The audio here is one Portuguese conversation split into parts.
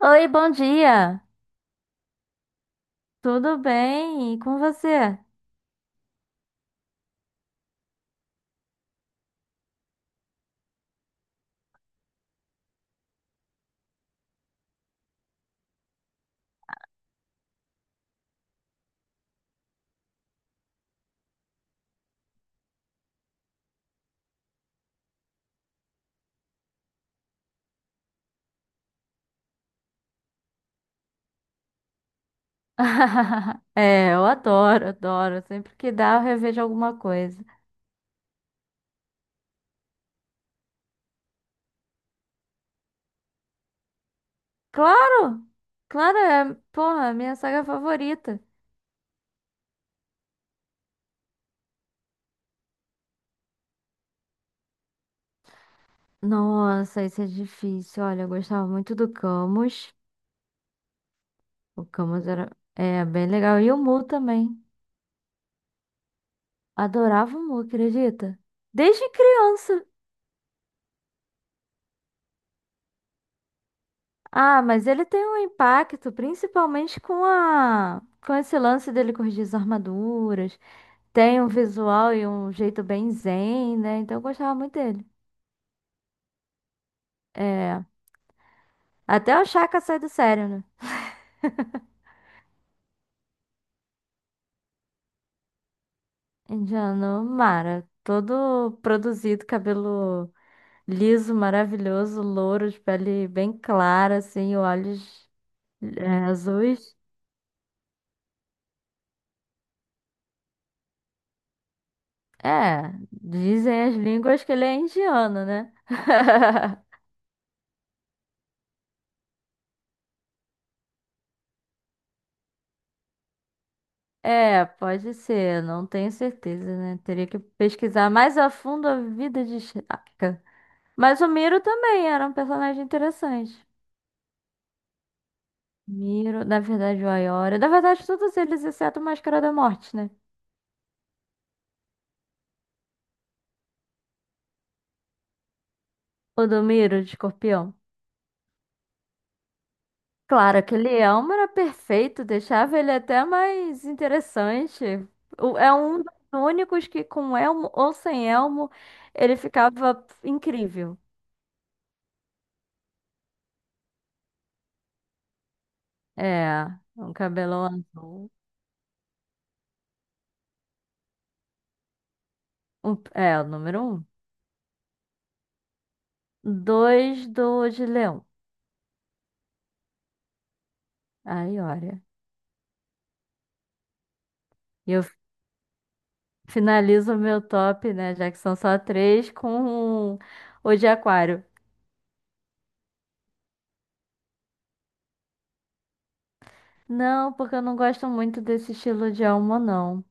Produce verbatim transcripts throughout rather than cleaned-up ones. Oi, bom dia. Tudo bem? E com você? É, eu adoro, adoro. Sempre que dá, eu revejo alguma coisa. Claro! Claro, é, porra, é a minha saga favorita. Nossa, isso é difícil. Olha, eu gostava muito do Camus. O Camus era é, bem legal. E o Mu também. Adorava o Mu, acredita? Desde criança. Ah, mas ele tem um impacto, principalmente com a com esse lance dele corrigir as armaduras. Tem um visual e um jeito bem zen, né? Então eu gostava muito dele. É, até o Chaka sai do sério, né? Indiano Mara, todo produzido, cabelo liso, maravilhoso, louro, de pele bem clara, assim, olhos é, azuis. É, dizem as línguas que ele é indiano, né? É, pode ser, não tenho certeza, né? Teria que pesquisar mais a fundo a vida de Chaka. Mas o Miro também era um personagem interessante. Miro, na verdade, o Aiora. Na verdade, todos eles, exceto o Máscara da Morte, né? O do Miro, de escorpião. Claro, aquele elmo era perfeito, deixava ele até mais interessante. O- É um dos únicos que, com elmo ou sem elmo, ele ficava incrível. É, um cabelão azul. Um- é, o número um. Dois do de leão. Aí Aiora. Finalizo o meu top, né? Já que são só três, com o de aquário. Não, porque eu não gosto muito desse estilo de alma, não.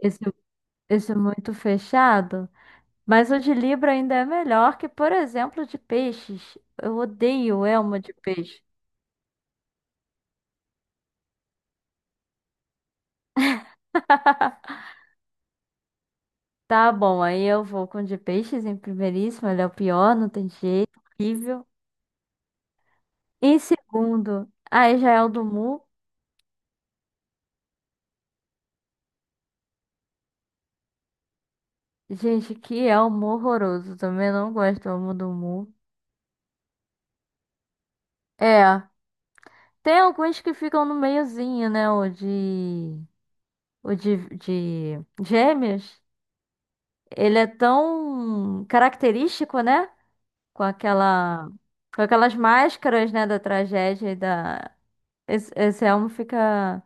Esse, esse é muito fechado. Mas o de Libra ainda é melhor que, por exemplo, o de peixes. Eu odeio elma de peixe. Tá bom, aí eu vou com o de peixes em primeiríssimo. Ele é o pior, não tem jeito. Horrível. Em segundo, aí já é o do Mu. Gente, que elmo horroroso. Também não gosto do elmo do Mu. É. Tem alguns que ficam no meiozinho, né? O de. O de, de gêmeos. Ele é tão característico, né? Com aquela. Com aquelas máscaras, né? Da tragédia e da. Esse, esse elmo fica.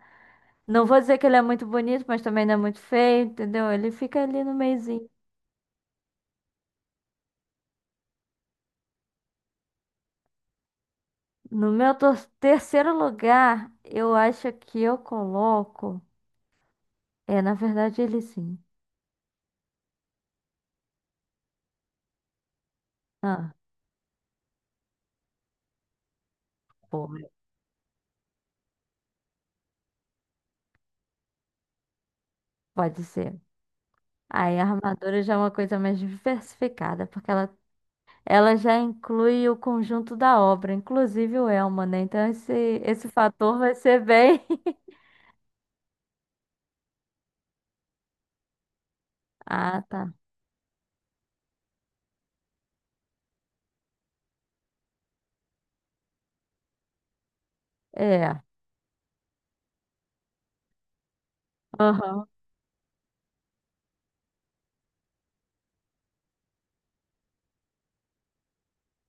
Não vou dizer que ele é muito bonito, mas também não é muito feio, entendeu? Ele fica ali no meiozinho. No meu tor- terceiro lugar, eu acho que eu coloco. É, na verdade, ele sim. Ah, pô, pode ser. Aí a armadura já é uma coisa mais diversificada, porque ela, ela já inclui o conjunto da obra, inclusive o elmo, né? Então esse, esse fator vai ser bem. Ah, tá. É. Aham.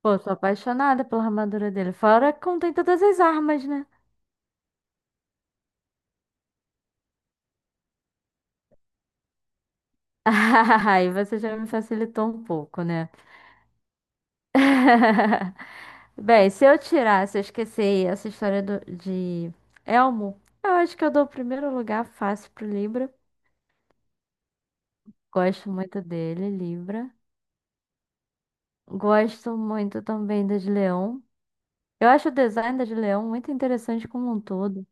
Pô, sou apaixonada pela armadura dele. Fora que contém todas as armas, né? Aí você já me facilitou um pouco, né? Bem, se eu tirar, se eu esquecer essa história do- de Elmo, eu acho que eu dou o primeiro lugar fácil pro Libra. Gosto muito dele, Libra. Gosto muito também da de Leão. Eu acho o design da de Leão muito interessante como um todo.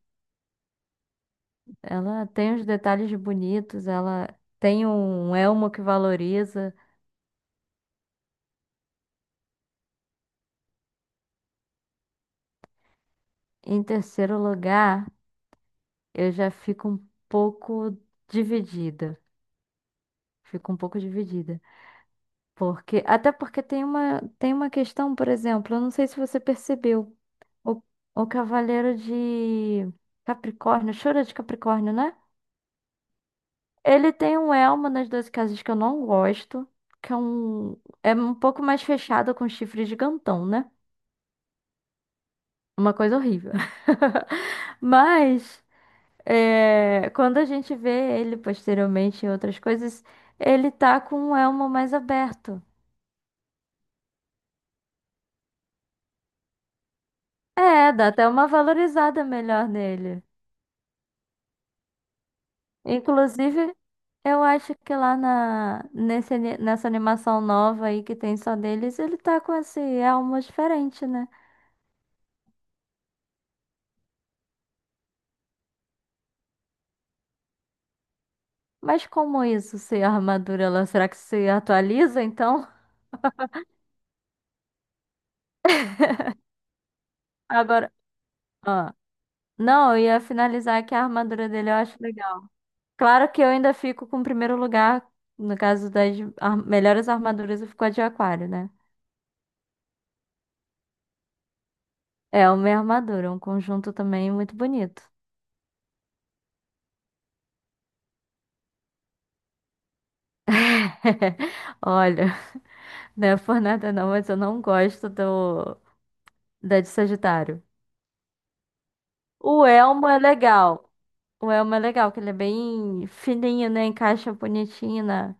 Ela tem os detalhes bonitos, ela tem um elmo que valoriza. Em terceiro lugar, eu já fico um pouco dividida. Fico um pouco dividida. Porque, até porque tem uma, tem uma questão, por exemplo, eu não sei se você percebeu. O, o Cavaleiro de Capricórnio, Chora de Capricórnio, né? Ele tem um elmo nas Doze Casas que eu não gosto, que é um, é um pouco mais fechado com chifre gigantão, né? Uma coisa horrível. Mas é, quando a gente vê ele posteriormente em outras coisas, ele tá com um elmo mais aberto. É, dá até uma valorizada melhor nele. Inclusive, eu acho que lá na, nesse ani- nessa animação nova aí que tem só deles, ele tá com esse elmo diferente, né? Mas como isso, se a armadura, ela, será que se atualiza então? Agora, ah, não, eu ia finalizar que a armadura dele eu acho legal. Claro que eu ainda fico com o primeiro lugar, no caso das ar- melhores armaduras, eu fico com a de aquário, né? É uma armadura, um conjunto também muito bonito. Olha, não é por nada não, mas eu não gosto do da de Sagitário. O elmo é legal. O elmo é legal, que ele é bem fininho, né? Encaixa bonitinho, né?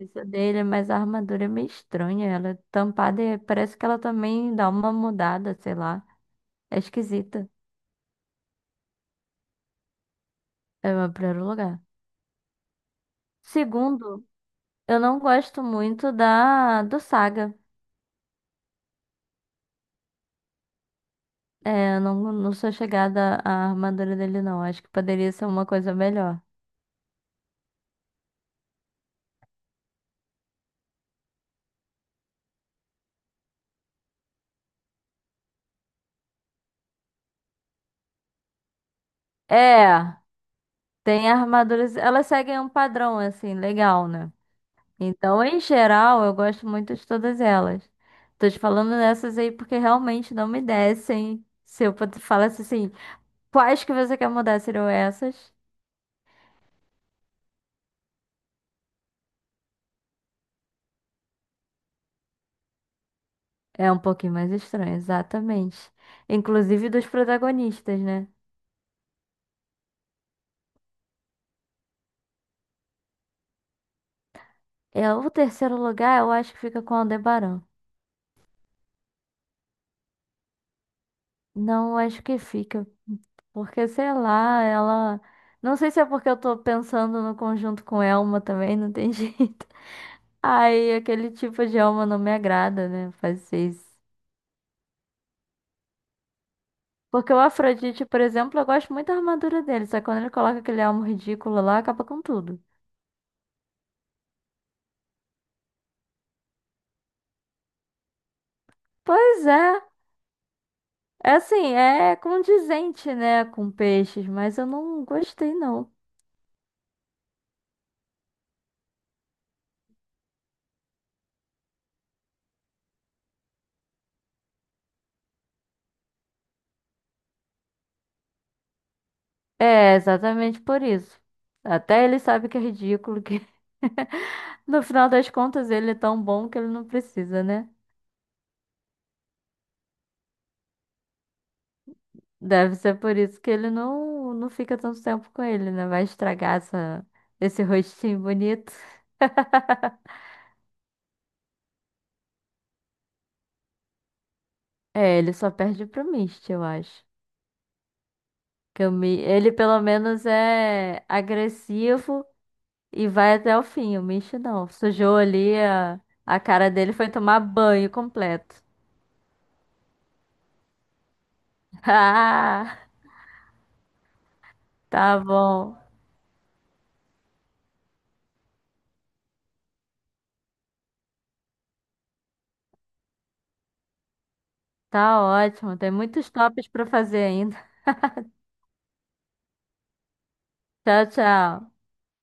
Isso dele, mas a armadura é meio estranha. Ela é tampada e parece que ela também dá uma mudada, sei lá. É esquisita. É o meu primeiro lugar. Segundo, eu não gosto muito da do Saga. É, eu não, não sou chegada à armadura dele, não. Acho que poderia ser uma coisa melhor. É, tem armaduras. Elas seguem um padrão, assim, legal, né? Então, em geral, eu gosto muito de todas elas. Tô te falando dessas aí porque realmente não me descem. Se eu pud- falasse assim, quais que você quer mudar serão essas? É um pouquinho mais estranho, exatamente. Inclusive dos protagonistas, né? É, o terceiro lugar eu acho que fica com Aldebaran. Não, eu acho que fica, porque sei lá, ela. Não sei se é porque eu tô pensando no conjunto com Elma também, não tem jeito. Aí aquele tipo de Elma não me agrada, né? Fazer isso. Porque o Afrodite, por exemplo, eu gosto muito da armadura dele, só que quando ele coloca aquele elmo ridículo lá, acaba com tudo. Pois é, é assim, é condizente, né, com peixes, mas eu não gostei, não. É, exatamente por isso. Até ele sabe que é ridículo, que no final das contas ele é tão bom que ele não precisa, né? Deve ser por isso que ele não, não fica tanto tempo com ele, né? Vai estragar essa, esse rostinho bonito. É, ele só perde pro Mist, eu acho. Que o Mi- ele pelo menos é agressivo. E vai até o fim, o Michi não. Sujou ali a, a cara dele, foi tomar banho completo. Ah, tá bom. Tá ótimo. Tem muitos tops pra fazer ainda. Tchau, tchau.